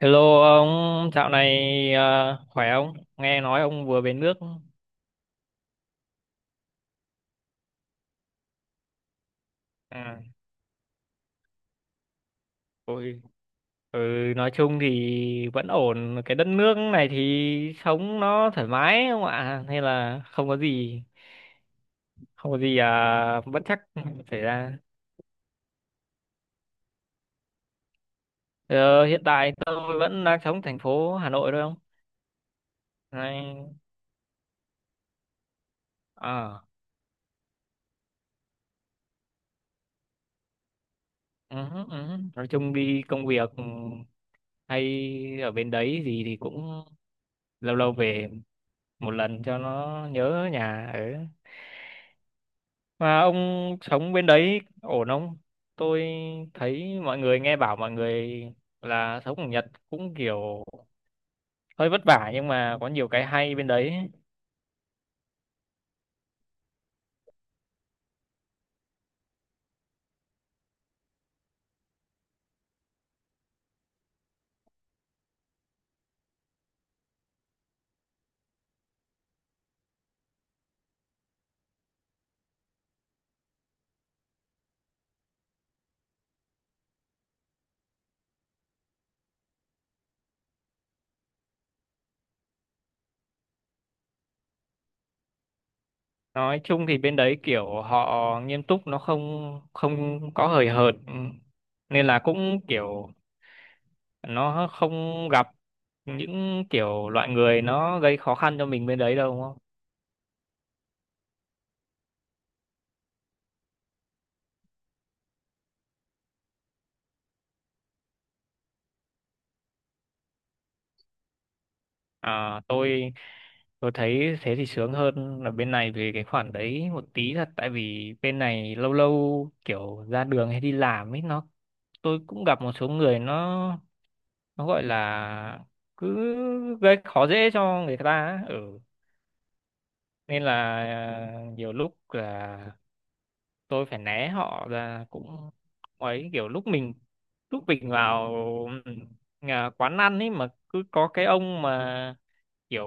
Hello ông, dạo này khỏe không? Nghe nói ông vừa về nước. À, ôi, ừ, nói chung thì vẫn ổn. Cái đất nước này thì sống nó thoải mái không ạ? Hay là không có gì bất trắc xảy ra. Ờ, Hiện tại tôi vẫn đang sống thành phố Hà Nội thôi không? Này, à, ừ, ừ. Nói chung đi công việc hay ở bên đấy gì thì cũng lâu lâu về một lần cho nó nhớ nhà ở. Mà ông sống bên đấy ổn không? Tôi thấy mọi người nghe bảo mọi người là sống ở Nhật cũng kiểu hơi vất vả, nhưng mà có nhiều cái hay bên đấy. Nói chung thì bên đấy kiểu họ nghiêm túc, nó không không có hời hợt. Ừ. Nên là cũng kiểu nó không gặp những kiểu loại người nó gây khó khăn cho mình bên đấy đâu, đúng không? À, tôi Tôi thấy thế thì sướng hơn là bên này về cái khoản đấy một tí thật. Tại vì bên này lâu lâu kiểu ra đường hay đi làm ấy, tôi cũng gặp một số người nó gọi là cứ gây khó dễ cho người ta ấy. Ừ. Nên là à, nhiều lúc là tôi phải né họ ra, cũng ấy kiểu lúc mình vào, ừ, nhà quán ăn ấy, mà cứ có cái ông mà kiểu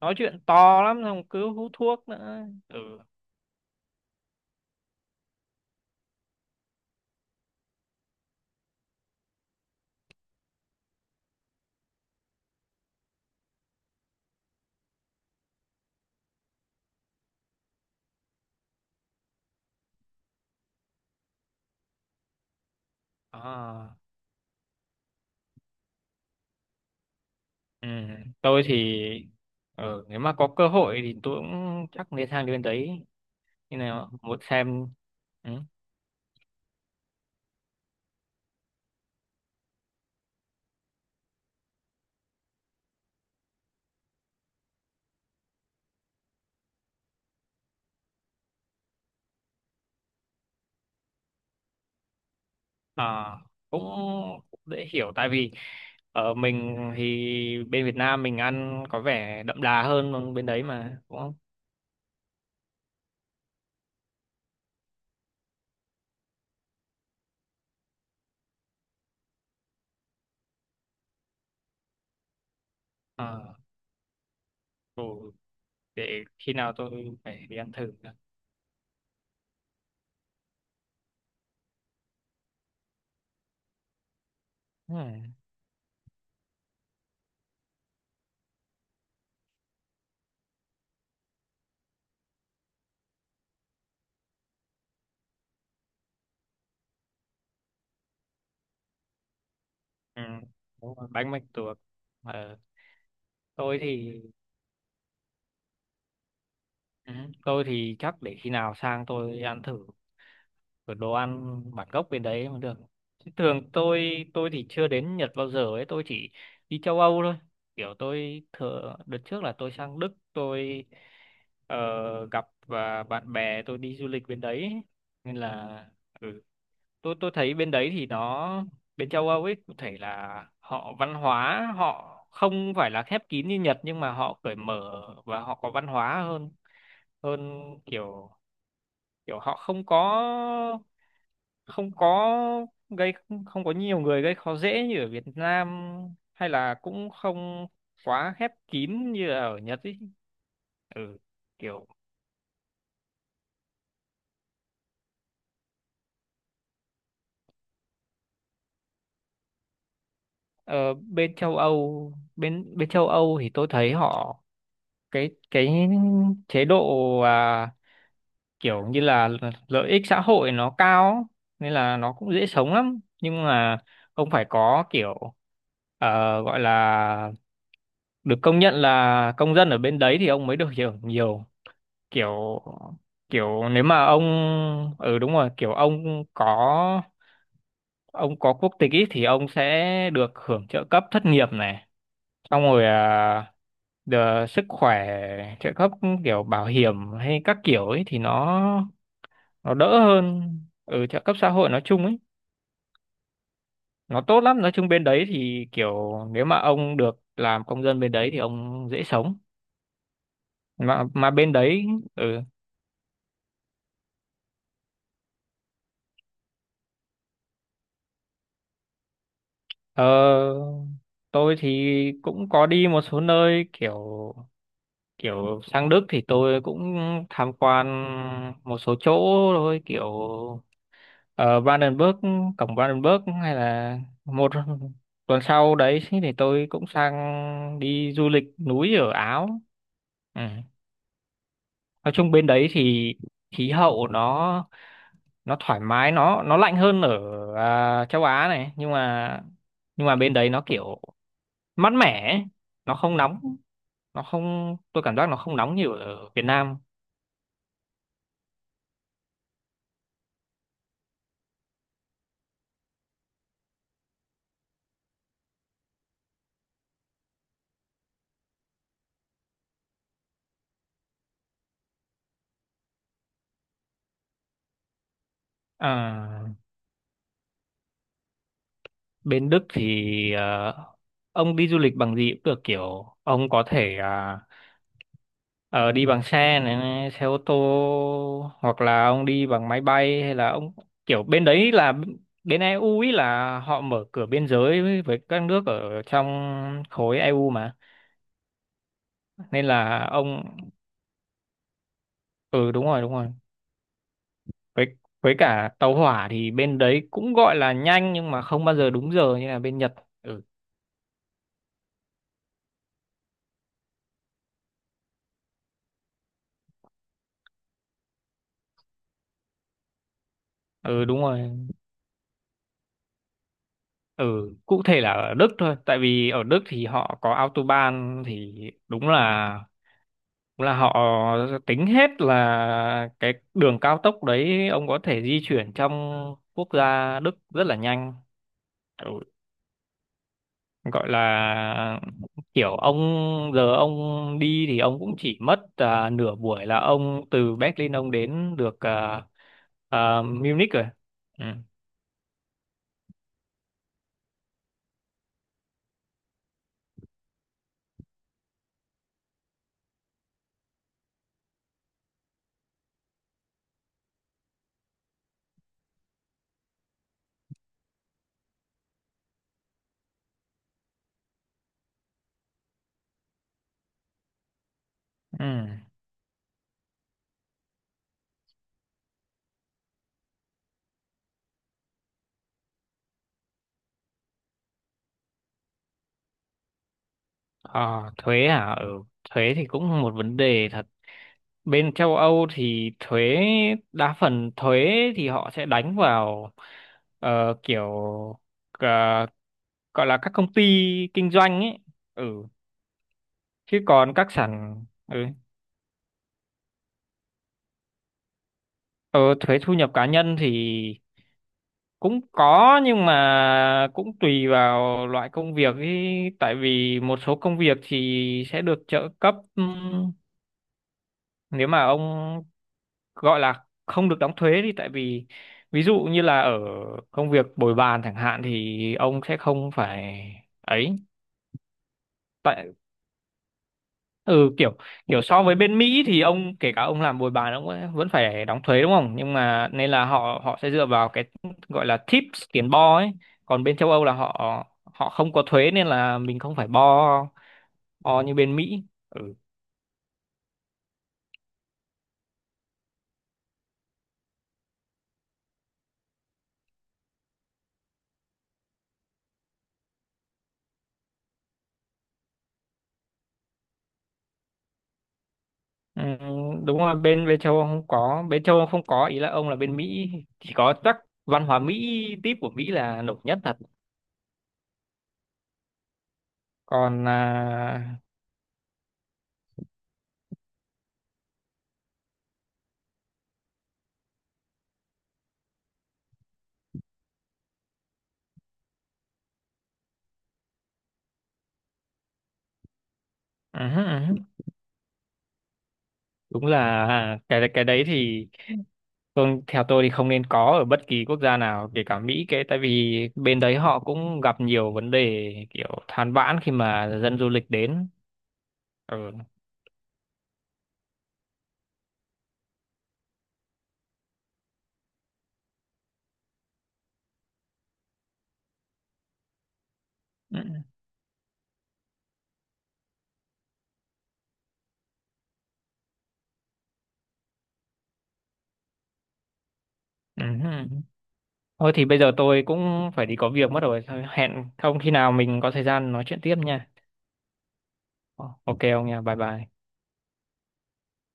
nói chuyện to lắm xong cứ hút thuốc nữa ừ à, ừ tôi thì, ừ, nếu mà có cơ hội thì tôi cũng chắc nên sang đến đấy như nào muốn xem. Ừ. à, Cũng dễ hiểu, tại vì ở mình thì bên Việt Nam mình ăn có vẻ đậm đà hơn, còn bên đấy mà đúng không? à, ừ. Để khi nào tôi phải đi ăn thử nữa. Ừ. Ừ. Đúng rồi, bánh mạch tuộc. Ờ, tôi thì. Ừ. Tôi thì chắc để khi nào sang tôi ăn thử cái đồ ăn bản gốc bên đấy mới được. Chứ thường tôi thì chưa đến Nhật bao giờ ấy, tôi chỉ đi châu Âu thôi. Kiểu tôi thường đợt trước là tôi sang Đức, tôi gặp và bạn bè tôi đi du lịch bên đấy ấy. Nên là ừ, tôi thấy bên đấy thì nó, bên châu Âu ấy có thể là họ văn hóa họ không phải là khép kín như Nhật, nhưng mà họ cởi mở và họ có văn hóa hơn hơn kiểu kiểu họ không có gây không có nhiều người gây khó dễ như ở Việt Nam, hay là cũng không quá khép kín như là ở Nhật ấy. Ừ kiểu ờ, Bên châu Âu, bên bên châu Âu thì tôi thấy họ, cái chế độ, kiểu như là lợi ích xã hội nó cao, nên là nó cũng dễ sống lắm. Nhưng mà ông phải có kiểu, ờ, gọi là được công nhận là công dân ở bên đấy thì ông mới được hưởng nhiều. Kiểu kiểu nếu mà ông, ừ đúng rồi, kiểu ông có quốc tịch ý, thì ông sẽ được hưởng trợ cấp thất nghiệp này, xong rồi, sức khỏe, trợ cấp, kiểu bảo hiểm hay các kiểu ấy thì nó đỡ hơn. Trợ cấp xã hội nói chung ấy, nó tốt lắm. Nói chung bên đấy thì kiểu nếu mà ông được làm công dân bên đấy thì ông dễ sống, mà bên đấy. ừ, ờ, tôi thì cũng có đi một số nơi, kiểu kiểu sang Đức thì tôi cũng tham quan một số chỗ thôi, kiểu ở Brandenburg, cổng Brandenburg hay là một tuần sau đấy thì tôi cũng sang đi du lịch núi ở Áo. Ừ. Nói chung bên đấy thì khí hậu nó thoải mái, nó lạnh hơn ở châu Á này. Nhưng mà bên đấy nó kiểu mát mẻ ấy. Nó không nóng, nó không tôi cảm giác nó không nóng nhiều ở Việt Nam. à, Bên Đức thì, à, ông đi du lịch bằng gì cũng được, kiểu ông có thể, đi bằng xe, này, xe ô tô, hoặc là ông đi bằng máy bay, hay là ông kiểu bên đấy là bên EU ấy là họ mở cửa biên giới với các nước ở trong khối EU mà. Nên là ông, ừ đúng rồi, đúng rồi. Với cả, tàu hỏa thì bên đấy cũng gọi là nhanh, nhưng mà không bao giờ đúng giờ như là bên Nhật. Ừ. Ừ, đúng rồi. Ừ. Cụ thể là ở Đức thôi, tại vì ở Đức thì họ có autobahn, thì đúng là đúng là họ tính hết là cái đường cao tốc đấy, ông có thể di chuyển trong quốc gia Đức rất là nhanh. ừ Gọi là, kiểu giờ ông đi thì ông cũng chỉ mất nửa buổi là ông từ Berlin ông đến được, Munich rồi. Ừ. Ừ. Ờ, Thuế hả. Ừ. Thuế thì cũng một vấn đề thật. Bên châu Âu thì thuế, đa phần thuế thì họ sẽ đánh vào, kiểu, ờ, gọi là các công ty kinh doanh ấy. ừ Chứ còn các sản. Ừ. Ờ, Thuế thu nhập cá nhân thì cũng có, nhưng mà cũng tùy vào loại công việc ý. Tại vì một số công việc thì sẽ được trợ cấp, nếu mà ông gọi là không được đóng thuế đi. Tại vì ví dụ như là ở công việc bồi bàn chẳng hạn thì ông sẽ không phải ấy, tại, ừ kiểu kiểu so với bên Mỹ thì ông, kể cả ông làm bồi bàn, ông vẫn vẫn phải đóng thuế đúng không, nhưng mà nên là họ họ sẽ dựa vào cái gọi là tips tiền bo ấy. Còn bên châu Âu là họ họ không có thuế, nên là mình không phải bo bo như bên Mỹ. Ừ. Ừ, đúng rồi, bên bên châu Âu không có bên châu Âu không có ý là ông là bên Mỹ. Chỉ có chắc văn hóa Mỹ tip của Mỹ là nổi nhất thật. Còn ừ, ừ, ừ. Đúng là cái đấy thì, vâng, theo tôi thì không nên có ở bất kỳ quốc gia nào, kể cả Mỹ, cái tại vì bên đấy họ cũng gặp nhiều vấn đề kiểu than vãn khi mà dân du lịch đến. Ừ. Ừ. Ừ. Thôi thì bây giờ tôi cũng phải đi có việc mất rồi. Thôi, hẹn không khi nào mình có thời gian nói chuyện tiếp nha. Ok ông nha, bye bye.